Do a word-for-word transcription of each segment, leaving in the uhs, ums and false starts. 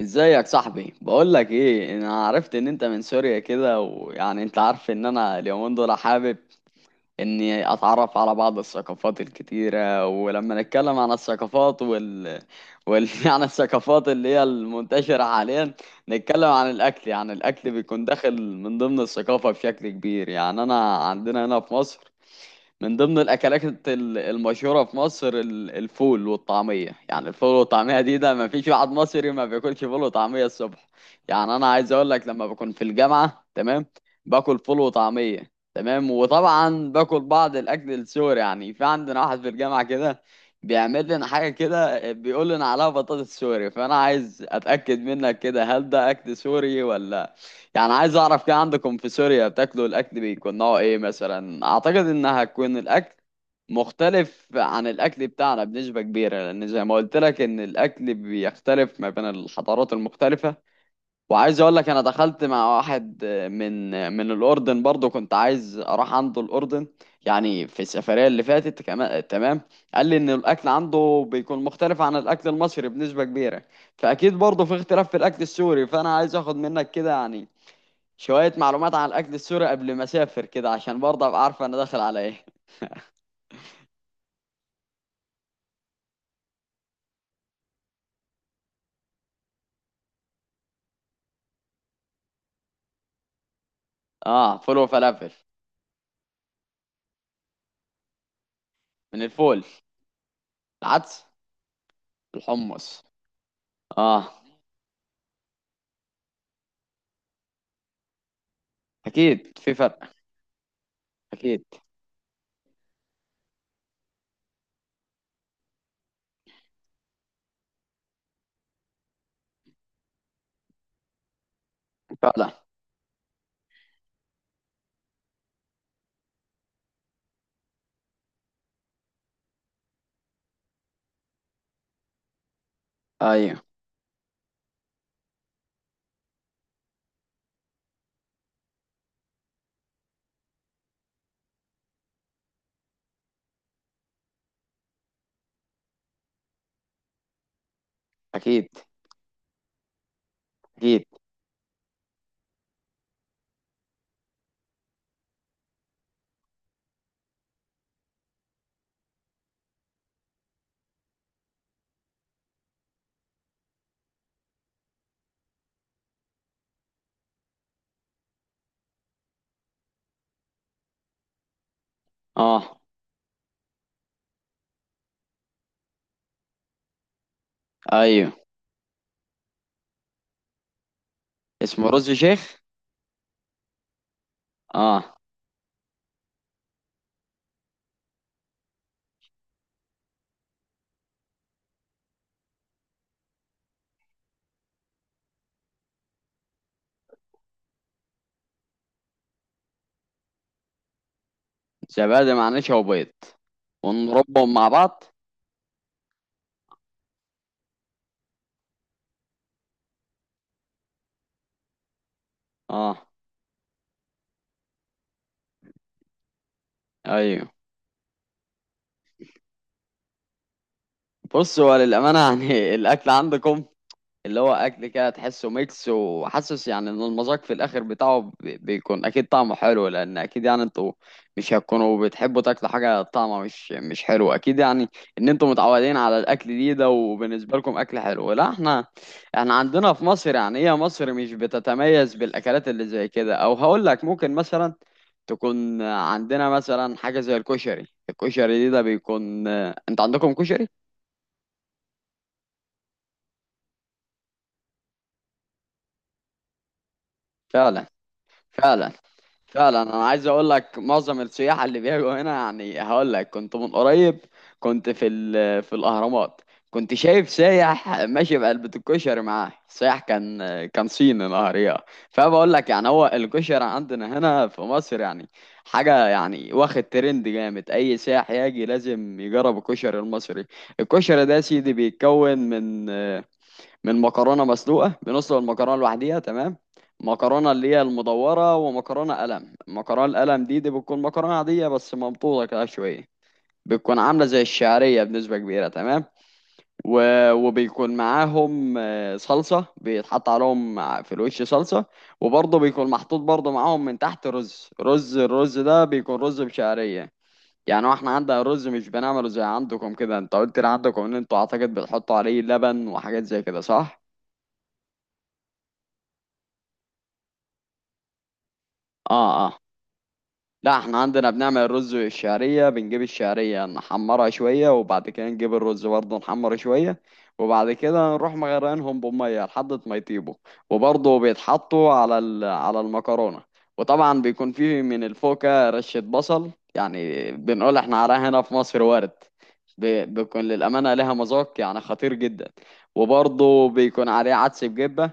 ازيك صاحبي؟ بقول لك ايه، انا عرفت ان انت من سوريا كده، ويعني انت عارف ان انا اليومين دول حابب اني اتعرف على بعض الثقافات الكتيرة. ولما نتكلم عن الثقافات وال وال يعني الثقافات اللي هي المنتشرة حاليا، نتكلم عن الاكل. يعني الاكل بيكون داخل من ضمن الثقافة بشكل كبير. يعني انا عندنا هنا في مصر، من ضمن الاكلات ال- المشهوره في مصر، ال- الفول والطعميه، يعني الفول والطعميه دي ده ما فيش واحد مصري ما بياكلش فول وطعميه الصبح. يعني انا عايز اقول لك، لما بكون في الجامعه تمام، باكل فول وطعميه، تمام، وطبعا باكل بعض الاكل السوري. يعني في عندنا واحد في الجامعه كده، بيعمل لنا حاجه كده، بيقول لنا عليها بطاطس سوري، فانا عايز اتاكد منك كده، هل ده اكل سوري ولا؟ يعني عايز اعرف كده، عندكم في سوريا بتاكلوا الاكل بيكون نوعه ايه مثلا. اعتقد انها هتكون الاكل مختلف عن الاكل بتاعنا بنسبة كبيرة، لان زي ما قلت لك ان الاكل بيختلف ما بين الحضارات المختلفة. وعايز اقول لك انا دخلت مع واحد من من الاردن برضو، كنت عايز اروح عنده الاردن، يعني في السفرية اللي فاتت كمان، تمام. قال لي ان الاكل عنده بيكون مختلف عن الاكل المصري بنسبة كبيرة، فاكيد برضو في اختلاف في الاكل السوري. فانا عايز اخد منك كده يعني شوية معلومات عن الأكل السوري قبل ما أسافر كده، عشان برضه أبقى عارفة أنا داخل على إيه. آه، فول وفلافل. من الفول. العدس. الحمص. آه. أكيد في فرق. أكيد. فعلا. أيوه. أكيد. أكيد. آه. أيوه، اسمه رز شيخ. آه، زبادي مع نشا وبيض ونربهم مع بعض. آه. أيوه. بصوا، هو للأمانة يعني الأكل عندكم، اللي هو اكل كده تحسه ميكس، وحاسس يعني ان المذاق في الاخر بتاعه بي- بيكون اكيد طعمه حلو، لان اكيد، يعني انتوا مش هتكونوا بتحبوا تاكلوا حاجه طعمها مش مش حلو، اكيد. يعني ان انتوا متعودين على الاكل دي ده وبالنسبه لكم اكل حلو. لا، احنا احنا عندنا في مصر يعني، هي مصر مش بتتميز بالاكلات اللي زي كده، او هقول لك ممكن مثلا تكون عندنا مثلا حاجه زي الكشري. الكشري دي ده بيكون، انت عندكم كشري؟ فعلا. فعلا. فعلا، انا عايز اقول لك معظم السياح اللي بيجوا هنا. يعني هقول لك كنت من قريب، كنت في ال- في الاهرامات، كنت شايف سايح ماشي بعلبة الكشري معاه. سايح كان كان صيني نهارية. فبقول لك يعني هو الكشري عندنا هنا في مصر يعني حاجة، يعني واخد ترند جامد. أي سايح يجي لازم يجرب الكشري المصري. الكشري ده يا سيدي بيتكون من من مكرونه مسلوقه. بنسلق المكرونه لوحديها، تمام. مكرونه اللي هي المدوره، ومكرونه قلم. المكرونه القلم دي دي بتكون مكرونه عاديه بس مبطوطه كده شويه. بتكون عامله زي الشعريه بنسبه كبيره، تمام، و... وبيكون معاهم آه، صلصه بيتحط عليهم مع- في الوش صلصه. وبرضه بيكون محطوط برضه معاهم من تحت رز، رز الرز ده بيكون رز بشعريه. يعني هو احنا عندنا الرز مش بنعمله زي عندكم كده. انت قلت لي عندكم ان انتوا اعتقد بتحطوا عليه لبن وحاجات زي كده، صح؟ اه، اه. لا، احنا عندنا بنعمل الرز والشعرية. بنجيب الشعرية نحمرها شوية، وبعد كده نجيب الرز برضه نحمره شوية، وبعد كده نروح مغرقينهم بمية لحد ما يطيبوا. وبرضه بيتحطوا على ال- على المكرونة. وطبعا بيكون فيه من الفوكة رشة بصل، يعني بنقول احنا عليها هنا في مصر ورد. ب- بيكون للأمانة لها مذاق يعني خطير جدا. وبرضه بيكون عليه عدس بجبة،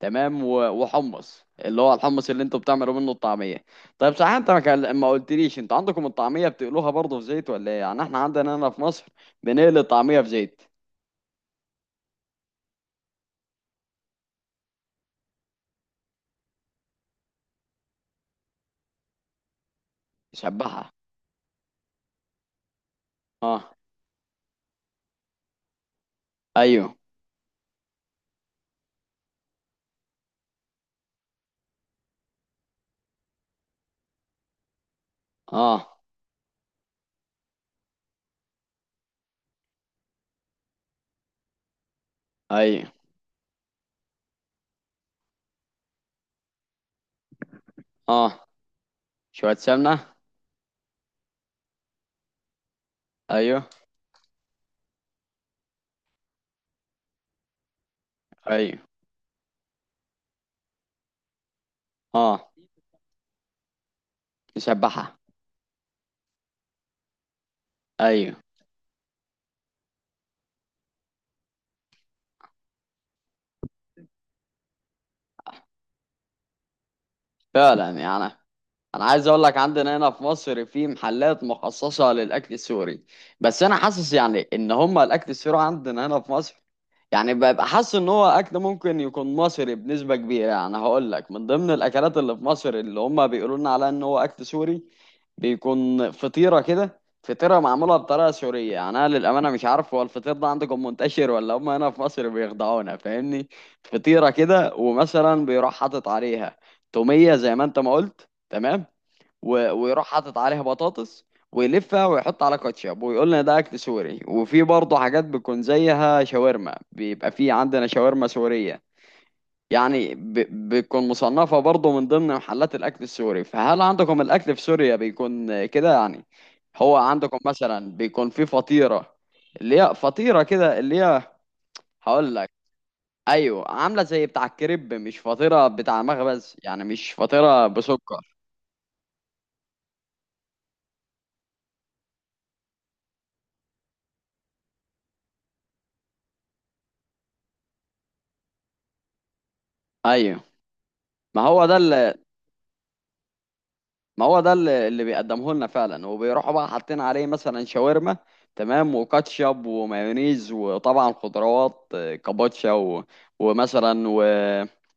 تمام، و- وحمص اللي هو الحمص اللي انتوا بتعملوا منه الطعمية. طيب، صحيح انت ما كان- ما قلتليش انتوا عندكم الطعميه بتقلوها برضه في زيت ولا ايه؟ يعني احنا عندنا هنا في مصر بنقلي الطعميه في زيت. نشبعها. اه. ايوه. اه. ايوه. اه. شويه سمنه. ايوه. ايوه. اه. نشبعها. ايوه. فعلا، يعني انا عايز اقول لك، عندنا هنا في مصر في محلات مخصصه للاكل السوري. بس انا حاسس يعني ان هم الاكل السوري عندنا هنا في مصر، يعني ببقى حاسس ان هو اكل ممكن يكون مصري بنسبه كبيره. يعني هقول لك، من ضمن الاكلات اللي في مصر اللي هم بيقولوا لنا عليها ان هو اكل سوري، بيكون فطيره كده، فطيره معموله بطريقه سوريه. يعني انا للامانه مش عارف هو الفطير ده عندكم منتشر، ولا هم هنا في مصر بيخدعونا، فاهمني. فطيره كده، ومثلا بيروح حاطط عليها توميه، زي ما انت ما قلت، تمام، و- ويروح حاطط عليها بطاطس، ويلفها ويحط على كاتشب، ويقول لنا ده اكل سوري. وفي برضه حاجات بتكون زيها شاورما، بيبقى في عندنا شاورما سورية، يعني ب- بتكون مصنفة برضه من ضمن محلات الأكل السوري. فهل عندكم الأكل في سوريا بيكون كده يعني؟ هو عندكم مثلا بيكون في فطيرة، اللي هي فطيرة كده اللي هي، هقول لك، أيوة، عاملة زي بتاع الكريب، مش فطيرة بتاع مخبز، يعني مش فطيرة بسكر، أيوة. ما هو ده، ما هو ده اللي اللي بيقدمه لنا فعلا. وبيروحوا بقى حاطين عليه مثلا شاورما، تمام، وكاتشب، ومايونيز، وطبعا خضروات، آه، كابوتشا، و... ومثلا، و...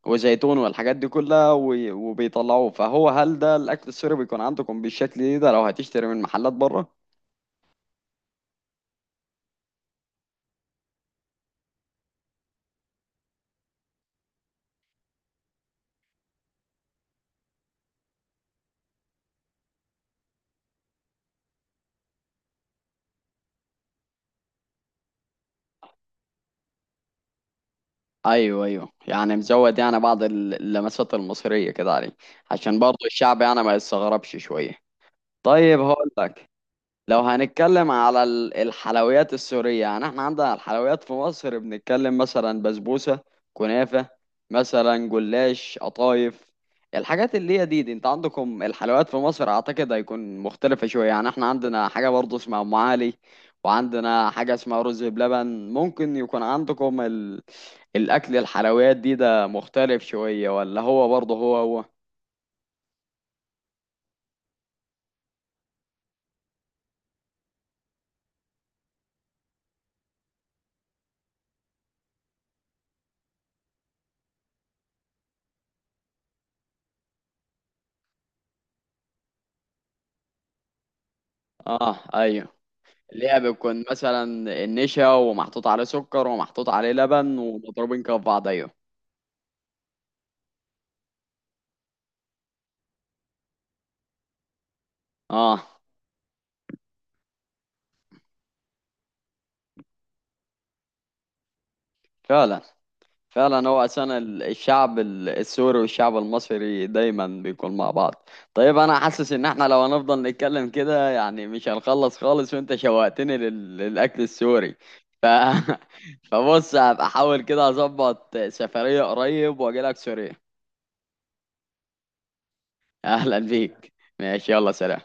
وزيتون، والحاجات دي كلها، و... وبيطلعوه. فهو، هل ده الاكل السوري بيكون عندكم بالشكل ده لو هتشتري من محلات بره؟ ايوه، ايوه، يعني مزود يعني بعض ال- اللمسات المصريه كده عليه، عشان برضه الشعب يعني ما يستغربش شويه. طيب، هقول لك، لو هنتكلم على ال- الحلويات السورية، يعني احنا عندنا الحلويات في مصر بنتكلم مثلا بسبوسة، كنافة، مثلا جلاش، قطايف. الحاجات اللي هي دي, دي انت عندكم الحلويات في مصر اعتقد هيكون مختلفة شوية. يعني احنا عندنا حاجة برضه اسمها ام علي، وعندنا حاجة اسمها رز بلبن. ممكن يكون عندكم ال... الاكل الحلويات دي ده مختلف شوية، ولا هو برضه هو هو؟ اه، ايوه، ليها بتكون مثلا النشا ومحطوط عليه سكر ومحطوط عليه لبن ومضروبين كف بعض، ايوه، اه. فعلا، فعلا، هو اساسا ال- الشعب ال- السوري والشعب المصري دايما بيكون مع بعض. طيب، انا حاسس ان احنا لو هنفضل نتكلم كده يعني مش هنخلص خالص، وانت شوقتني لل... للاكل السوري ف... فبص، هبقى احاول كده اظبط سفرية قريب واجي لك سوريا. اهلا بيك، ماشي، يلا سلام.